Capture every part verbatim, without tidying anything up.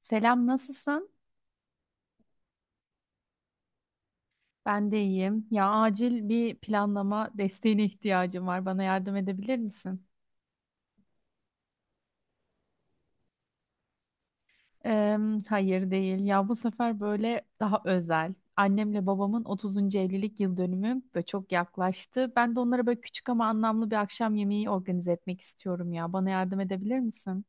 Selam, nasılsın? Ben de iyiyim. Ya acil bir planlama desteğine ihtiyacım var. Bana yardım edebilir misin? Eee, hayır değil. Ya bu sefer böyle daha özel. Annemle babamın otuzuncu evlilik yıl dönümü ve çok yaklaştı. Ben de onlara böyle küçük ama anlamlı bir akşam yemeği organize etmek istiyorum ya. Bana yardım edebilir misin?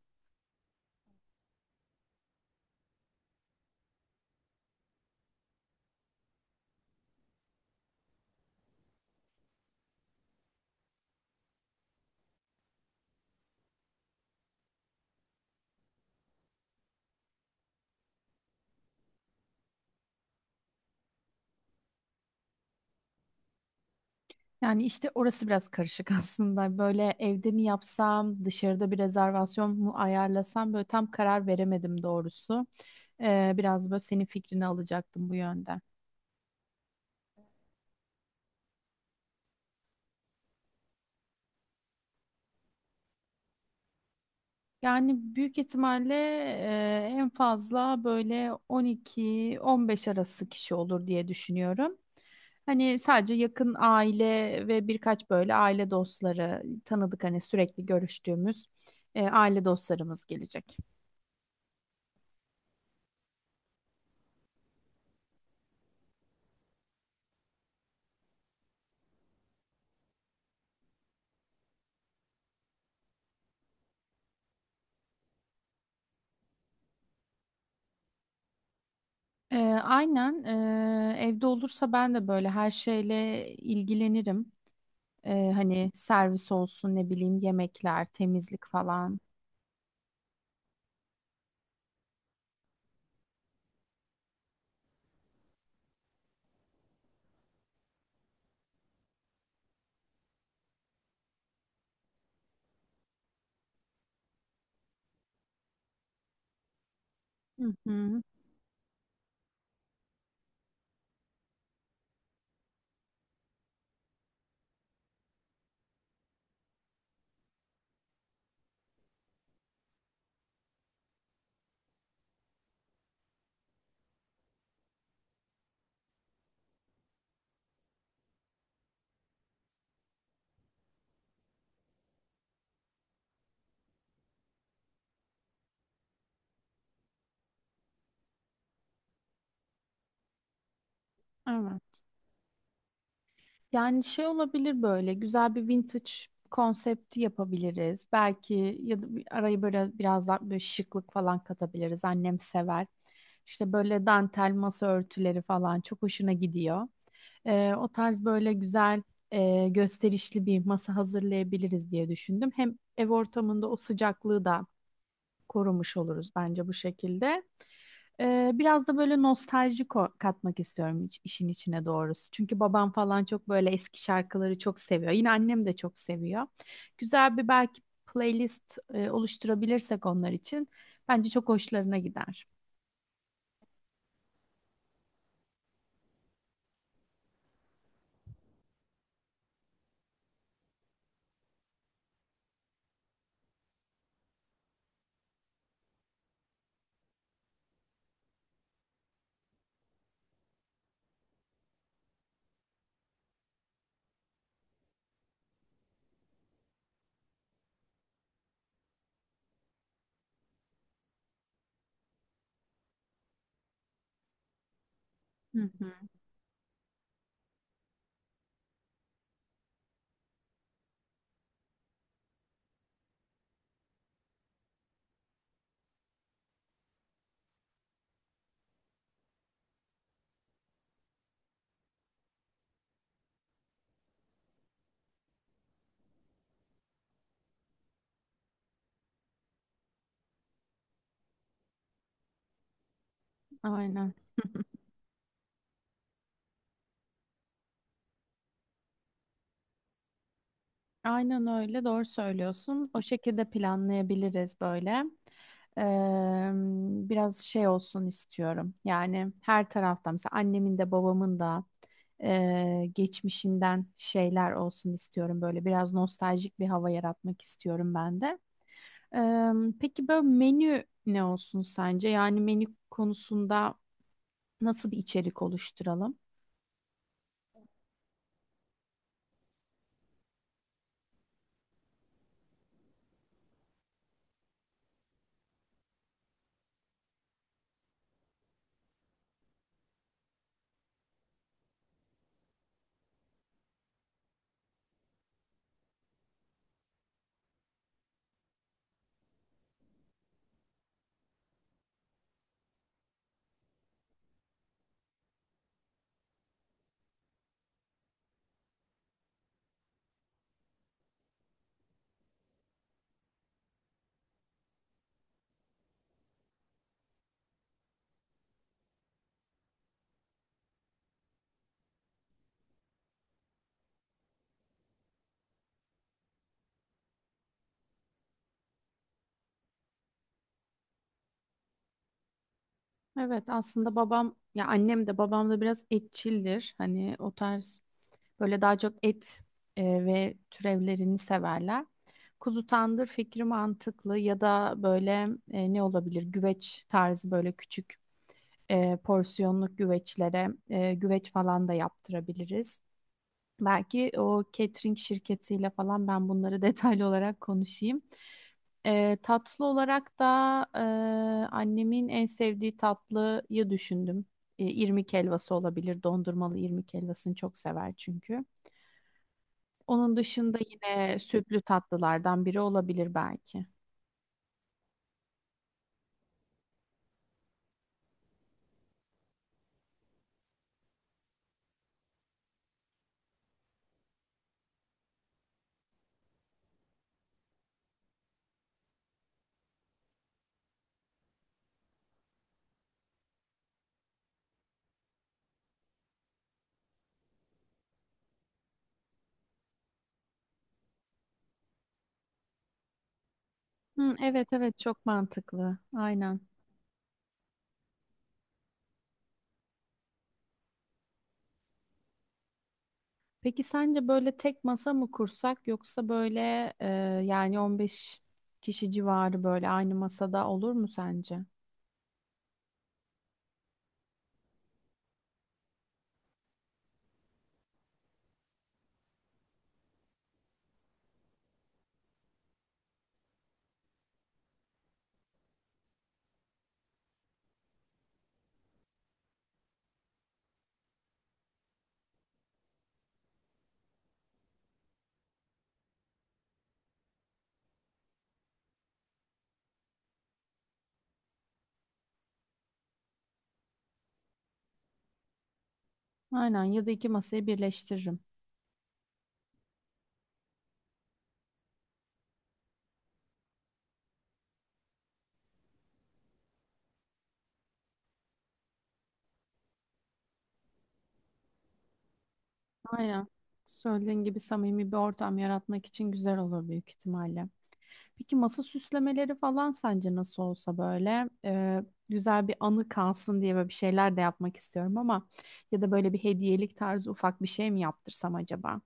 Yani işte orası biraz karışık aslında. Böyle evde mi yapsam, dışarıda bir rezervasyon mu ayarlasam böyle tam karar veremedim doğrusu. Ee, biraz böyle senin fikrini alacaktım bu yönde. Yani büyük ihtimalle e, en fazla böyle on iki on beş arası kişi olur diye düşünüyorum. Hani sadece yakın aile ve birkaç böyle aile dostları tanıdık hani sürekli görüştüğümüz e, aile dostlarımız gelecek. E, aynen e, evde olursa ben de böyle her şeyle ilgilenirim. Ee, hani servis olsun ne bileyim yemekler, temizlik falan. Hı hı. Evet. Yani şey olabilir böyle güzel bir vintage konsepti yapabiliriz. Belki ya da bir- arayı böyle biraz daha böyle şıklık falan katabiliriz. Annem sever. İşte böyle dantel masa örtüleri falan çok hoşuna gidiyor. Ee, o tarz böyle güzel e, gösterişli bir masa hazırlayabiliriz diye düşündüm. Hem ev ortamında o sıcaklığı da korumuş oluruz bence bu şekilde. Ee, biraz da böyle nostalji ko- katmak istiyorum iç- işin içine doğrusu. Çünkü babam falan çok böyle eski şarkıları çok seviyor. Yine annem de çok seviyor. Güzel bir belki playlist e, oluşturabilirsek onlar için bence çok hoşlarına gider. Hı hı, aynen. Aynen öyle doğru söylüyorsun. O şekilde planlayabiliriz böyle. Eee, Biraz şey olsun istiyorum. Yani her taraftan mesela annemin de babamın da eee, geçmişinden şeyler olsun istiyorum. Böyle biraz nostaljik bir hava yaratmak istiyorum ben de. Eee, peki böyle menü ne olsun sence? Yani menü konusunda nasıl bir içerik oluşturalım? Evet, aslında babam ya annem de babam da biraz etçildir. Hani o tarz, böyle daha çok et e, ve türevlerini severler. Kuzu tandır fikri mantıklı ya da böyle e, ne olabilir? Güveç tarzı böyle küçük e, porsiyonluk güveçlere e, güveç falan da yaptırabiliriz. Belki o catering şirketiyle falan ben bunları detaylı olarak konuşayım. E, tatlı olarak da e, annemin en sevdiği tatlıyı düşündüm. E, irmik helvası olabilir. Dondurmalı irmik helvasını çok sever çünkü. Onun dışında yine sütlü tatlılardan biri olabilir belki. Hı, evet, evet, çok mantıklı. Aynen. Peki sence böyle tek masa mı kursak yoksa böyle e, yani on beş kişi civarı böyle aynı masada olur mu sence? Aynen, ya da iki masayı birleştiririm. Aynen. Söylediğin gibi samimi bir ortam yaratmak için güzel olur büyük ihtimalle. Peki masa süslemeleri falan sence nasıl olsa böyle e, güzel bir anı kalsın diye böyle bir şeyler de yapmak istiyorum ama ya da böyle bir hediyelik tarzı ufak bir şey mi yaptırsam acaba?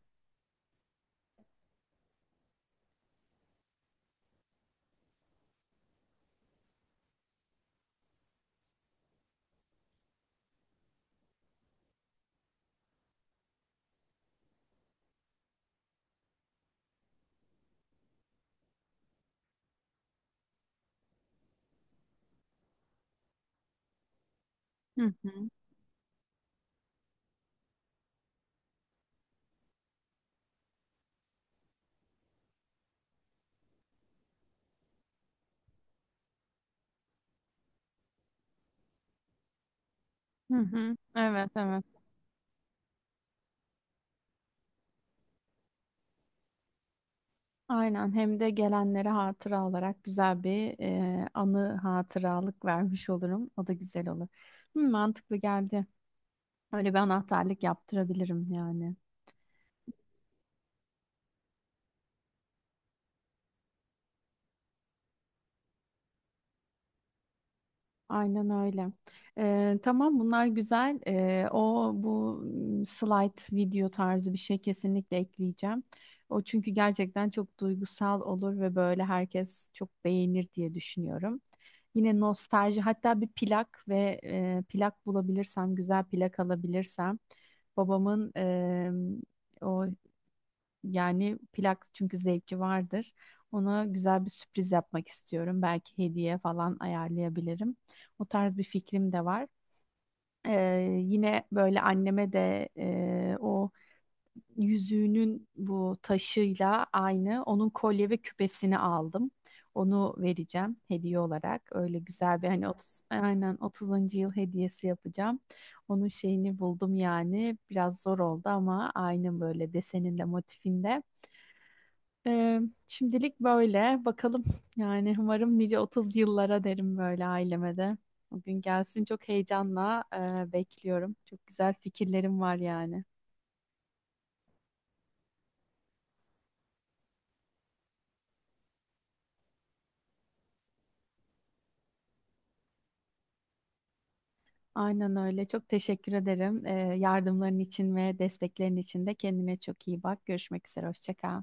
Hı hı. Hı hı. Evet, evet. Aynen, hem de gelenlere hatıra olarak güzel bir e, anı, hatıralık vermiş olurum. O da güzel olur. Hı, mantıklı geldi. Öyle bir anahtarlık yaptırabilirim yani. Aynen öyle. Ee, tamam, bunlar güzel. Ee, o bu m, slide video tarzı bir şey kesinlikle ekleyeceğim. O çünkü gerçekten çok duygusal olur ve böyle herkes çok beğenir diye düşünüyorum. Yine nostalji, hatta bir plak ve e, plak bulabilirsem, güzel plak alabilirsem babamın e, o yani plak çünkü zevki vardır. Ona güzel bir sürpriz yapmak istiyorum. Belki hediye falan ayarlayabilirim. O tarz bir fikrim de var. Ee, yine böyle anneme de e, o yüzüğünün bu taşıyla aynı onun kolye ve küpesini aldım. Onu vereceğim hediye olarak. Öyle güzel bir hani otuz, aynen otuzuncu yıl hediyesi yapacağım. Onun şeyini buldum yani. Biraz zor oldu ama aynı böyle deseninde, motifinde. Ee, Şimdilik böyle. Bakalım, yani umarım nice otuz yıllara derim böyle aileme de. O gün gelsin, çok heyecanla e, bekliyorum. Çok güzel fikirlerim var yani. Aynen öyle. Çok teşekkür ederim. Ee, yardımların için ve desteklerin için de kendine çok iyi bak. Görüşmek üzere. Hoşça kal.